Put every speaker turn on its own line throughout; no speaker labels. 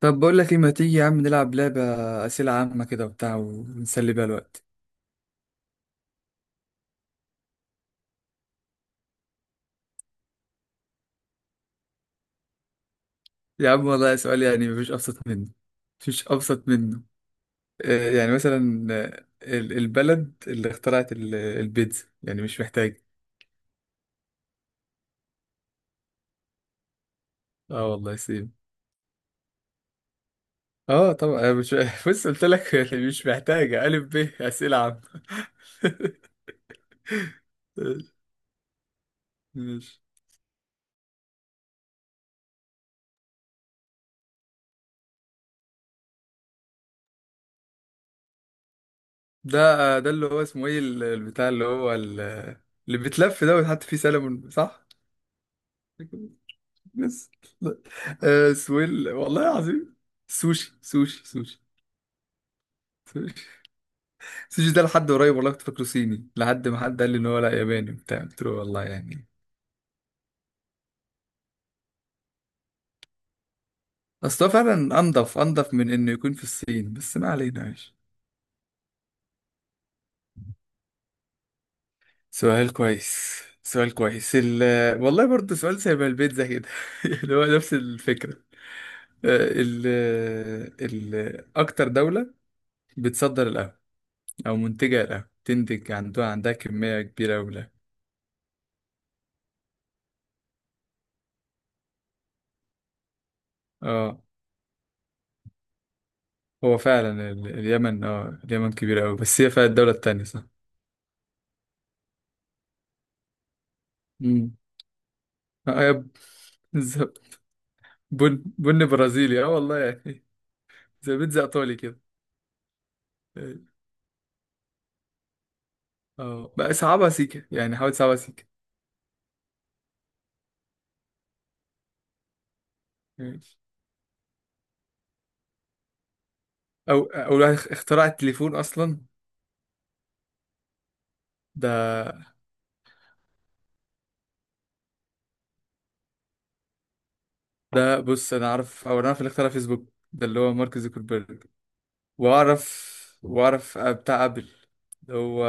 طب بقول لك ايه، ما تيجي يا عم نلعب لعبة أسئلة عامة كده وبتاع ونسلي بيها الوقت؟ يا عم والله سؤال، يعني مفيش أبسط منه. مفيش أبسط منه. يعني مثلا، البلد اللي اخترعت البيتزا، يعني مش محتاج. اه والله سيب. اه طبعا أنا مش بص، قلت لك يعني مش محتاجة ألف ب. أسئلة عامة. ماشي. ده ده اللي هو اسمه ايه البتاع اللي هو اللي بيتلف ده ويتحط فيه سلمون صح؟ بس سويل والله العظيم. سوشي، سوشي، سوشي. سوشي. سوشي ده لحد قريب والله كنت فاكره صيني، لحد ما حد قال لي ان هو لا، ياباني وبتاع، قلت له والله يعني. اصل هو فعلا انضف انضف من انه يكون في الصين، بس ما علينا ماشي. سؤال كويس، سؤال كويس، والله برضه سؤال شبه البيتزا كده، اللي هو نفس الفكرة. ال ال أكتر دولة بتصدر القهوة أو منتجة القهوة، تنتج عندها كمية كبيرة أوي من القهوة. اه هو فعلا اليمن. اه اليمن كبيرة أوي، بس هي فيها الدولة التانية صح؟ مم. اه ز- بن بن برازيلي اه والله يعني. زي بيتزا إيطالي كده. اه بقى صعبها سيكة، يعني حاول صعبها سيكة. أو أول واحد اخترع التليفون أصلا. ده ده بص، أنا أعرف، أو أنا أعرف اللي اخترع فيسبوك ده اللي هو مارك زوكربيرج. وأعرف وأعرف بتاع أبل اللي هو،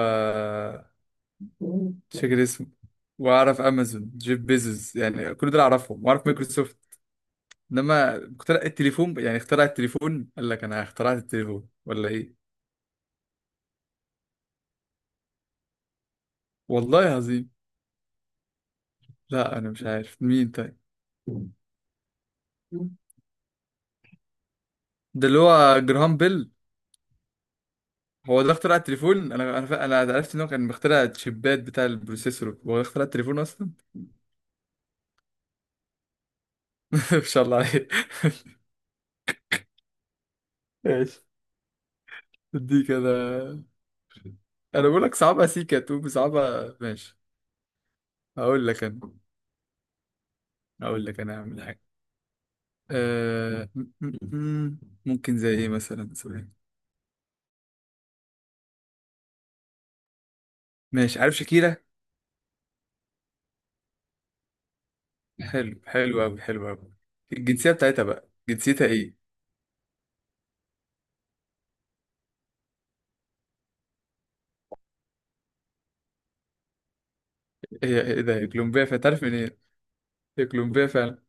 مش فاكر اسمه. واعرف امازون جيف بيزوس، يعني كل دول اعرفهم، واعرف مايكروسوفت. انما اخترع التليفون يعني، اخترع التليفون قال لك انا اخترعت التليفون ولا ايه؟ والله عظيم، لا انا مش عارف مين طيب. ده اللي هو جراهام بيل. هو ده اخترع التليفون. انا عرفت ان هو كان مخترع الشيبات بتاع البروسيسور، هو ده اخترع التليفون اصلا. ما شاء الله عليه. ماشي. دي كده. انا بقول لك صعبة سيكا، تقول صعبة. ماشي. هقول لك انا. هقول لك انا هعمل حاجة. آه م- م- م- ممكن زي ايه مثلا، ثواني. ماشي، عارف شاكيرا؟ حلو، حلو قوي، حلو قوي. الجنسية بتاعتها بقى، جنسيتها ايه؟ هي ايه ده؟ هي كولومبيا فعلا، تعرف منين إيه؟ هي كولومبيا فعلا.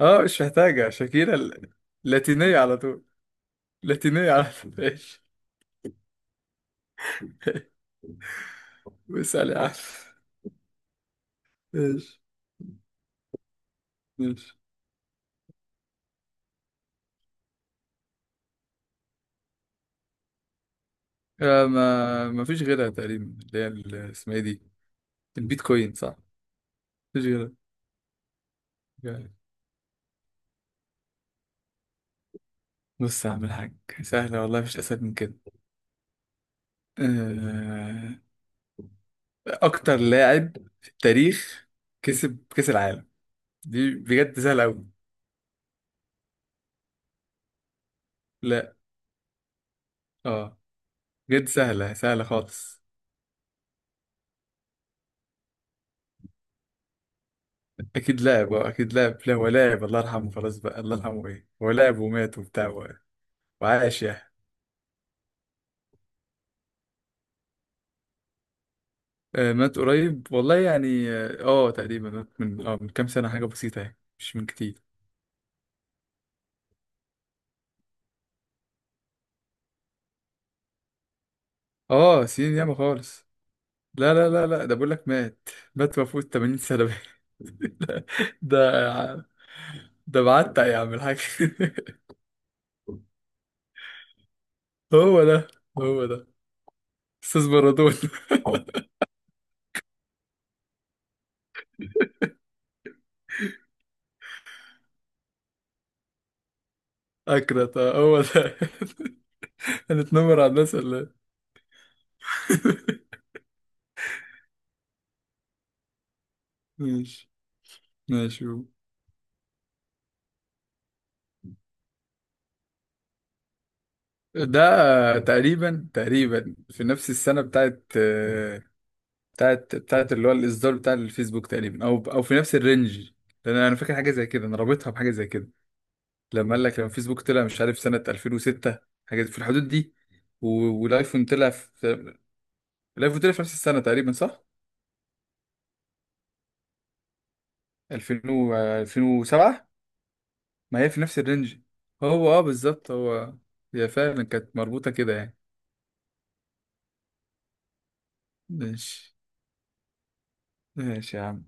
اه مش محتاجة شاكيرا لاتينية على طول. لاتينية على طول. ماشي. واسأل يا عم. ماشي. ماشي. ما فيش غيرها تقريبا، اللي هي اسمها ايه دي. البيتكوين صح. مفيش غيرها. يعني. بص يا عم الحاج. سهلة والله، مفيش أسهل من كده. آه اكتر لاعب في التاريخ كسب كاس العالم. دي بجد سهله قوي. لا. اه. بجد سهله، سهله خالص. اكيد لاعب. اه اكيد لاعب، لا هو لاعب الله يرحمه، خلاص بقى الله يرحمه ايه، هو لاعب ومات وبتاع وعاش يعني. مات قريب والله يعني، تقريبا مات من من كام سنه، حاجه بسيطه، يعني مش من كتير. اه، سنين ياما خالص. لا لا لا لا، ده بقول لك مات. مات وفوت 80 سنه. ده. ده بعتق يا عم الحاج. هو ده. هو ده استاذ بارادون. اكرت هو ده. هنتنمر على الناس ولا إيه؟ ماشي. ماشي هو. ده تقريبا، تقريبا في نفس السنة بتاعت بتاعت اللي هو الإصدار بتاع الفيسبوك، تقريبا أو في نفس الرينج. لأن أنا فاكر حاجة زي كده، أنا رابطها بحاجة زي كده. لما قال لك، لما الفيسبوك طلع، مش عارف سنة 2006، حاجة في الحدود دي. والآيفون طلع في. الآيفون طلع في نفس السنة تقريبا صح؟ 2000 2007. ما هي في نفس الرينج. هو بالظبط هو. هي فعلا كانت مربوطة كده يعني. ماشي. ماشي يا عم.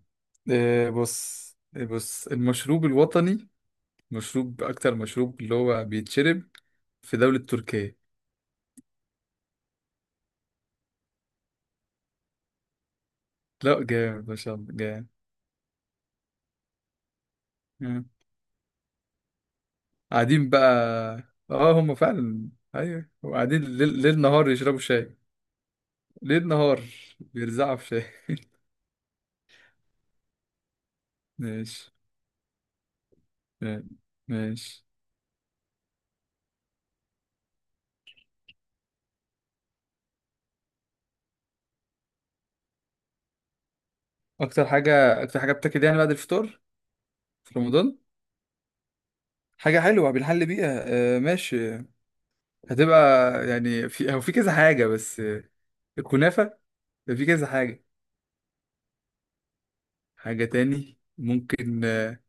إيه بص. إيه بص، المشروب الوطني. مشروب، أكتر مشروب اللي هو بيتشرب في دولة تركيا. لا جامد ما شاء الله جامد. مم. قاعدين بقى. اه، هم فعلا. ايوه، وقاعدين ليل ليل نهار يشربوا شاي. ليل نهار. بيرزعوا في شاي. ماشي. ماشي. أكتر حاجة، أكتر حاجة بتاكل يعني بعد الفطار في رمضان. حاجة حلوة بنحل بيها. ماشي. هتبقى. يعني في، هو في كذا حاجة بس، الكنافة. في كذا حاجة. حاجة تاني ممكن،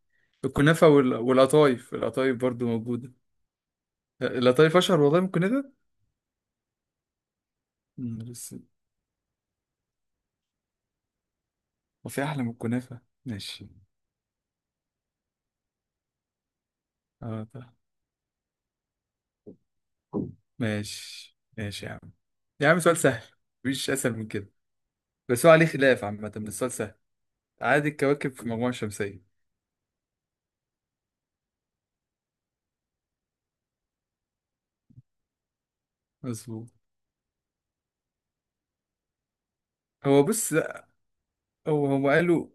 الكنافة والقطايف، القطايف برضو موجودة. القطايف أشهر والله من الكنافة. مم، بس هو في أحلى من الكنافة، ماشي. اه طبعا. ماشي. ماشي يا عم. يا عم سؤال سهل. مفيش أسهل من كده. بس هو عليه خلاف عامة، بس السؤال سهل. عدد الكواكب في المجموعة الشمسية. مظبوط. هو بص، لا، هو هم قالوا.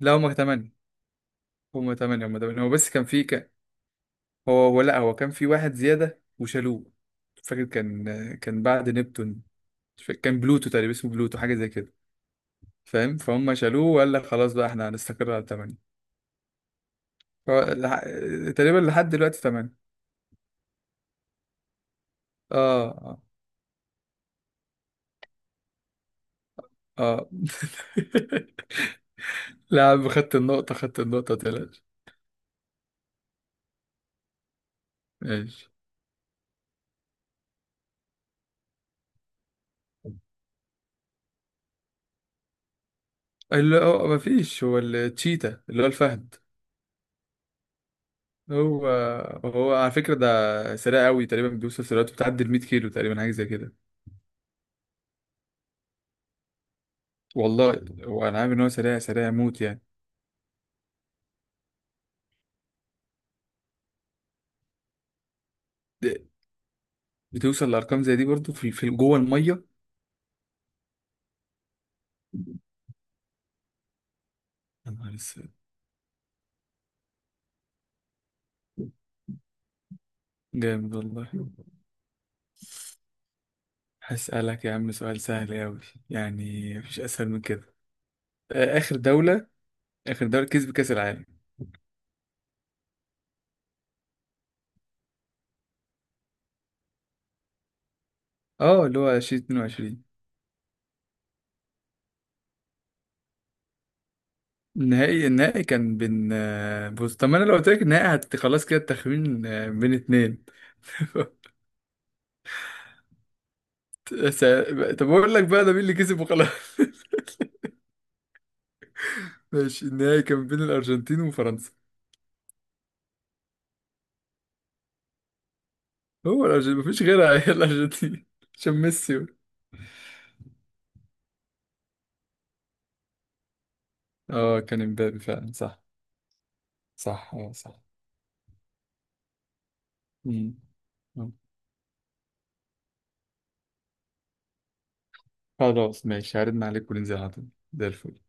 لا، هما تمانية. هما تمانية، هما تمانية. هو بس كان في. هو، لا هو كان في واحد زيادة وشالوه. مش فاكر كان. كان بعد نبتون. مش فاكر، كان بلوتو، تقريبا اسمه بلوتو حاجة زي كده. فاهم؟ فهم شالوه وقال لك خلاص بقى احنا هنستقر على تمانية. هو لح... تقريبا لحد دلوقتي تمانية. اه اه. اه. لا يا عم، خدت النقطة، خدت النقطة متقلقش. ماشي. اللي هو مفيش، هو التشيتا اللي هو الفهد. هو. هو على فكرة ده سريع قوي، تقريبا بيوصل سرعته، بتعدي ال 100 كيلو تقريبا، حاجة زي كده. والله هو انا عارف ان هو سريع، سريع موت يعني. د- بتوصل لأرقام زي دي برضه، في في جوه المية. يا نهار اسود. جامد والله. هسألك يا عم سؤال سهل قوي. يعني مفيش أسهل من كده. آخر دولة. آخر دولة كسب كأس العالم. اه اللي هو 2022. النهائي، النهائي كان بين، بص طب ما انا لو قلت لك النهائي خلاص كده التخمين، بين اتنين. س... طب اقول لك بقى ده مين اللي كسب وخلاص. ماشي، النهائي كان بين الارجنتين وفرنسا. هو الارجنتين مفيش غيرها، هي الارجنتين. عشان ميسي. اه كان امبابي فعلا صح. صح اه صح. مم. آه. خلاص ماشي، هرن عليك وننزل على طول. زي الفل.